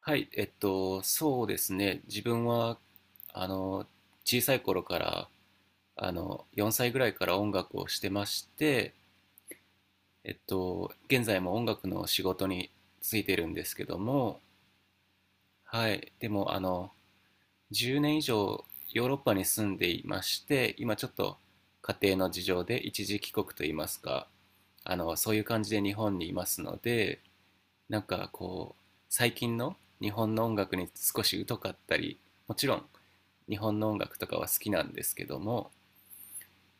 はい、そうですね。自分は、あの、小さい頃から、4歳ぐらいから音楽をしてまして、現在も音楽の仕事に就いてるんですけども、はい、でも、10年以上ヨーロッパに住んでいまして、今ちょっと家庭の事情で一時帰国といいますか、そういう感じで日本にいますので、なんかこう最近の日本の音楽に少し疎かったり、もちろん日本の音楽とかは好きなんですけども、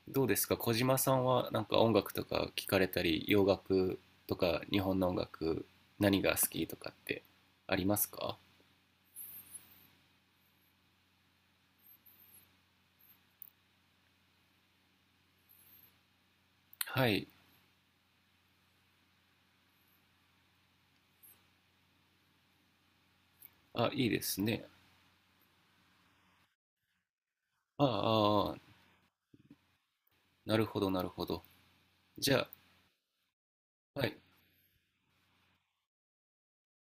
どうですか、小島さんは、なんか音楽とか聞かれたり、洋楽とか日本の音楽、何が好きとかってありますか？はい。あ、いいですね。ああ、ああ、なるほど、なるほど。じゃあ、はい、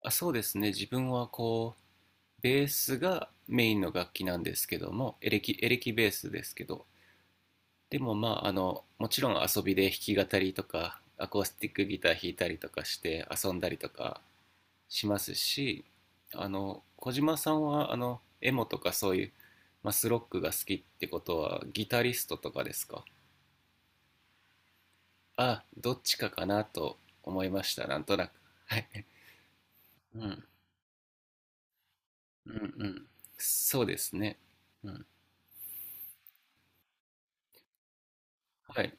あ、そうですね。自分はこう、ベースがメインの楽器なんですけども、エレキベースですけど、でもまあ、もちろん遊びで弾き語りとか、アコースティックギター弾いたりとかして遊んだりとかしますし、小島さんは、エモとかそういうマスロックが好きってことは、ギタリストとかですか？あ、どっちかかなと思いました、なんとなく。はい。うん、うん、うん。そうですね。うん。はい、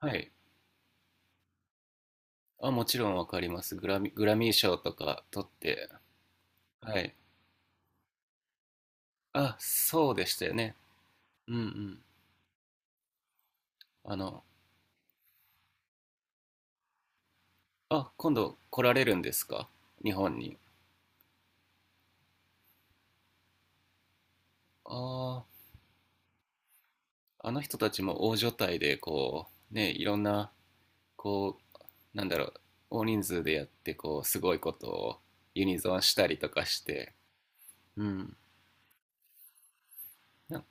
はい。あ、もちろんわかります。グラミー賞とか取って。はい。あ、そうでしたよね。うん、うん。あの、あ、今度来られるんですか？日本に。ああ、あの人たちも大所帯で、こう、ね、いろんな、こう、なんだろう、大人数でやって、こう、すごいことをユニゾンしたりとかして、うん。な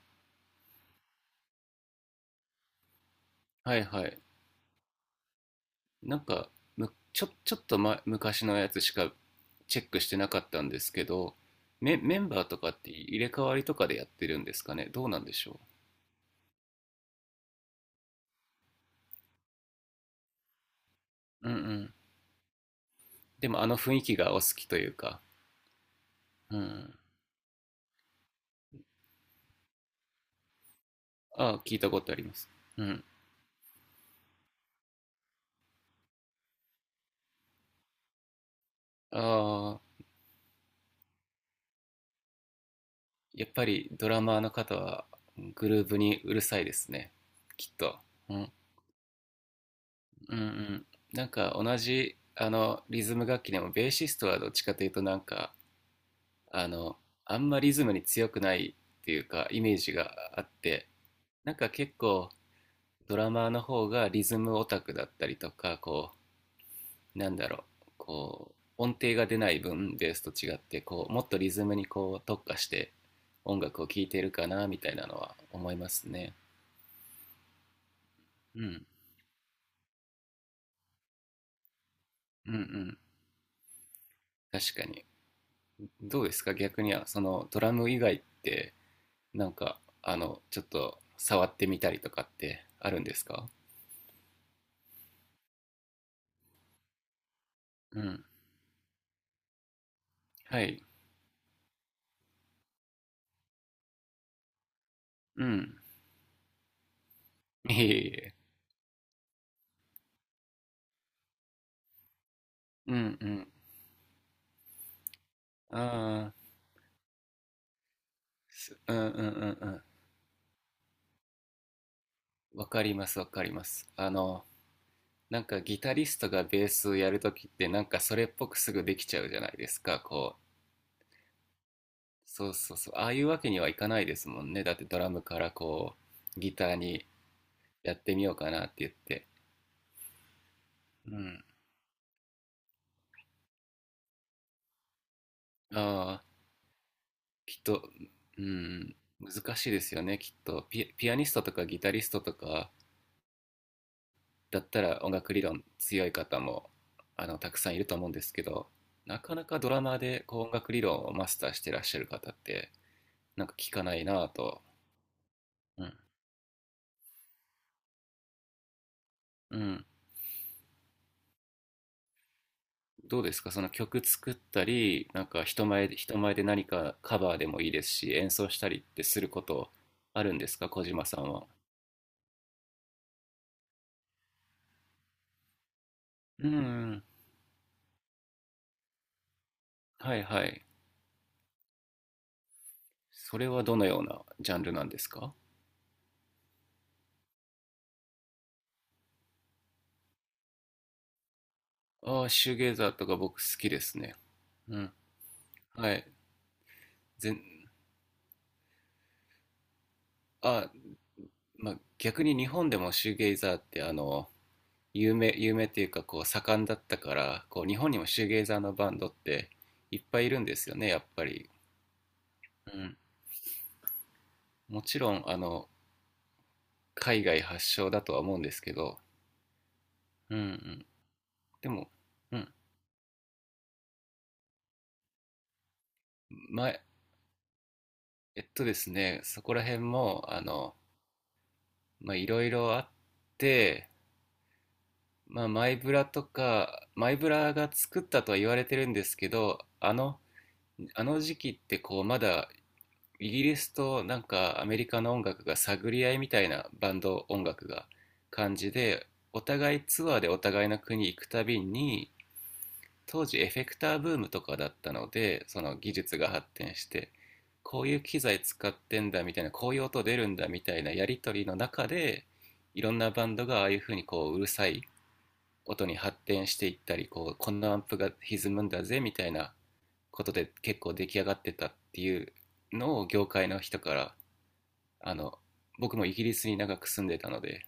はい、はい。なんか、む、ちょ、ちょっと、昔のやつしかチェックしてなかったんですけど、メンバーとかって入れ替わりとかでやってるんですかね、どうなんでしょう？うん、うん。でもあの雰囲気がお好きというか、うん。ああ、聞いたことあります。うん。ああ、やっぱりドラマーの方はグルーブにうるさいですね、きっと。うん。うん、うん。なんか同じ、リズム楽器でも、ベーシストはどっちかというとなんか、あの、あんまリズムに強くないっていうか、イメージがあって、なんか結構、ドラマーの方がリズムオタクだったりとか、なんだろう、こう、音程が出ない分、ベースと違って、こう、もっとリズムにこう特化して音楽を聴いてるかな、みたいなのは思いますね。うん、うん、うん。確かに。どうですか、逆には、そのドラム以外って、なんか、ちょっと触ってみたりとかってあるんですか？うん。はい。うん。いえいえ。うん、うん。ああ、うん、うん、うん、うん。わかります、わかります。なんかギタリストがベースをやるときってなんかそれっぽくすぐできちゃうじゃないですか、こう。そうそうそう。ああいうわけにはいかないですもんね。だってドラムからこう、ギターにやってみようかなって言って。うん。ああ、きっと、うん、難しいですよね、きっと。ピアニストとかギタリストとかだったら音楽理論強い方も、たくさんいると思うんですけど、なかなかドラマーでこう音楽理論をマスターしてらっしゃる方って、なんか聞かないなぁと。うん。うん。どうですか、その曲作ったり、なんか、人前で何かカバーでもいいですし、演奏したりってすることあるんですか、小島さんは？うん、はい、はい。それはどのようなジャンルなんですか？ああ、シューゲイザーとか僕好きですね。うん。はい。ぜんあ、まあ、逆に日本でもシューゲイザーって、あの、有名っていうかこう盛んだったから、こう日本にもシューゲイザーのバンドっていっぱいいるんですよね、やっぱり。うん。もちろん、海外発祥だとは思うんですけど、うん、うん、でも、うん、まえっとですね、そこら辺も、まあ、いろいろあって、まあ、マイブラとか、マイブラが作ったとは言われてるんですけど、あの時期ってこう、まだイギリスとなんかアメリカの音楽が探り合いみたいなバンド音楽が感じで、お互いツアーでお互いの国行くたびに、当時エフェクターブームとかだったのでその技術が発展して、こういう機材使ってんだみたいな、こういう音出るんだみたいなやり取りの中で、いろんなバンドがああいうふうにこううるさい音に発展していったり、こうこんなアンプが歪むんだぜみたいなことで結構出来上がってたっていうのを、業界の人から、あの僕もイギリスに長く住んでたので、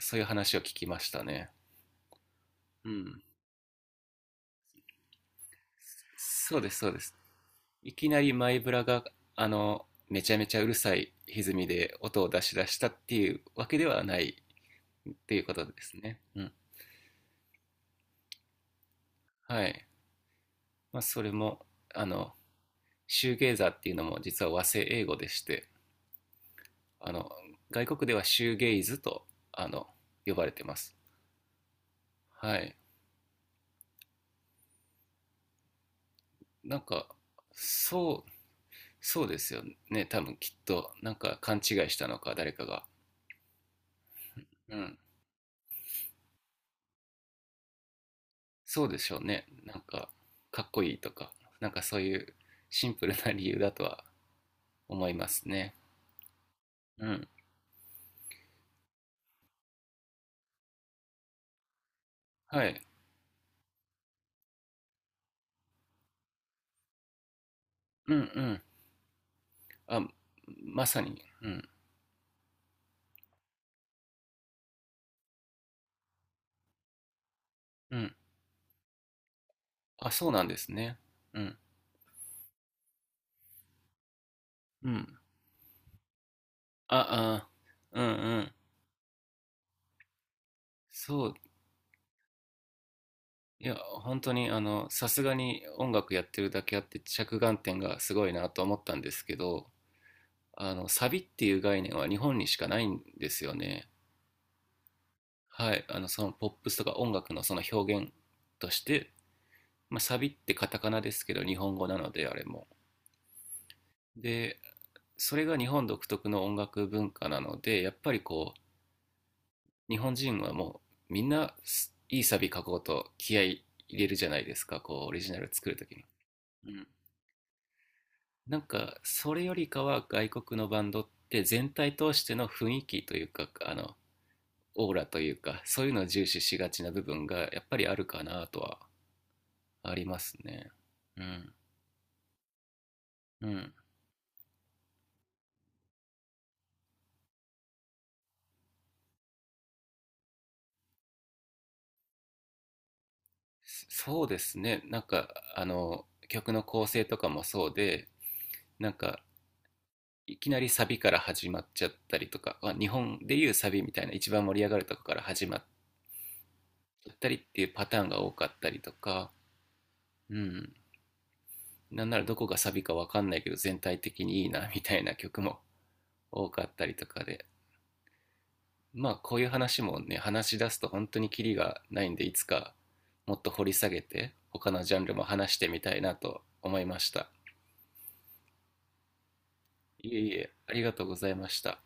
そういう話を聞きましたね。うん、そうです、そうです。いきなりマイブラが、めちゃめちゃうるさい歪みで音を出し出したっていうわけではないっていうことですね。うん。はい。まあ、それも、あの、シューゲイザーっていうのも実は和製英語でして、あの、外国ではシューゲイズと、あの、呼ばれてます。はい。なんか、そう、そうですよね。多分きっと、なんか勘違いしたのか、誰かが。うん。そうでしょうね。なんか、かっこいいとか、なんかそういうシンプルな理由だとは思いますね。うん。はい。うん、うん。あ、まさに。うん。うん。あ、そうなんですね。うん。うん。あ、あ、うん、うん。そう。いや、本当に、さすがに音楽やってるだけあって着眼点がすごいなと思ったんですけど、サビっていう概念は日本にしかないんですよね。はい。そのポップスとか音楽のその表現として、まあ、サビってカタカナですけど日本語なのであれも、で、それが日本独特の音楽文化なのでやっぱりこう日本人はもうみんないいサビ書こうと気合い入れるじゃないですか、こうオリジナル作るときに。うん、なんかそれよりかは外国のバンドって全体通しての雰囲気というか、あのオーラというかそういうのを重視しがちな部分がやっぱりあるかなとはありますね。うん、うん、そうですね。なんか、曲の構成とかもそうで、なんか、いきなりサビから始まっちゃったりとか、まあ、日本でいうサビみたいな一番盛り上がるとこから始まっちゃったりっていうパターンが多かったりとか、うん。なんならどこがサビかわかんないけど全体的にいいなみたいな曲も多かったりとかで、まあこういう話もね、話し出すと本当にキリがないんで、いつかもっと掘り下げて、他のジャンルも話してみたいなと思いました。いえいえ、ありがとうございました。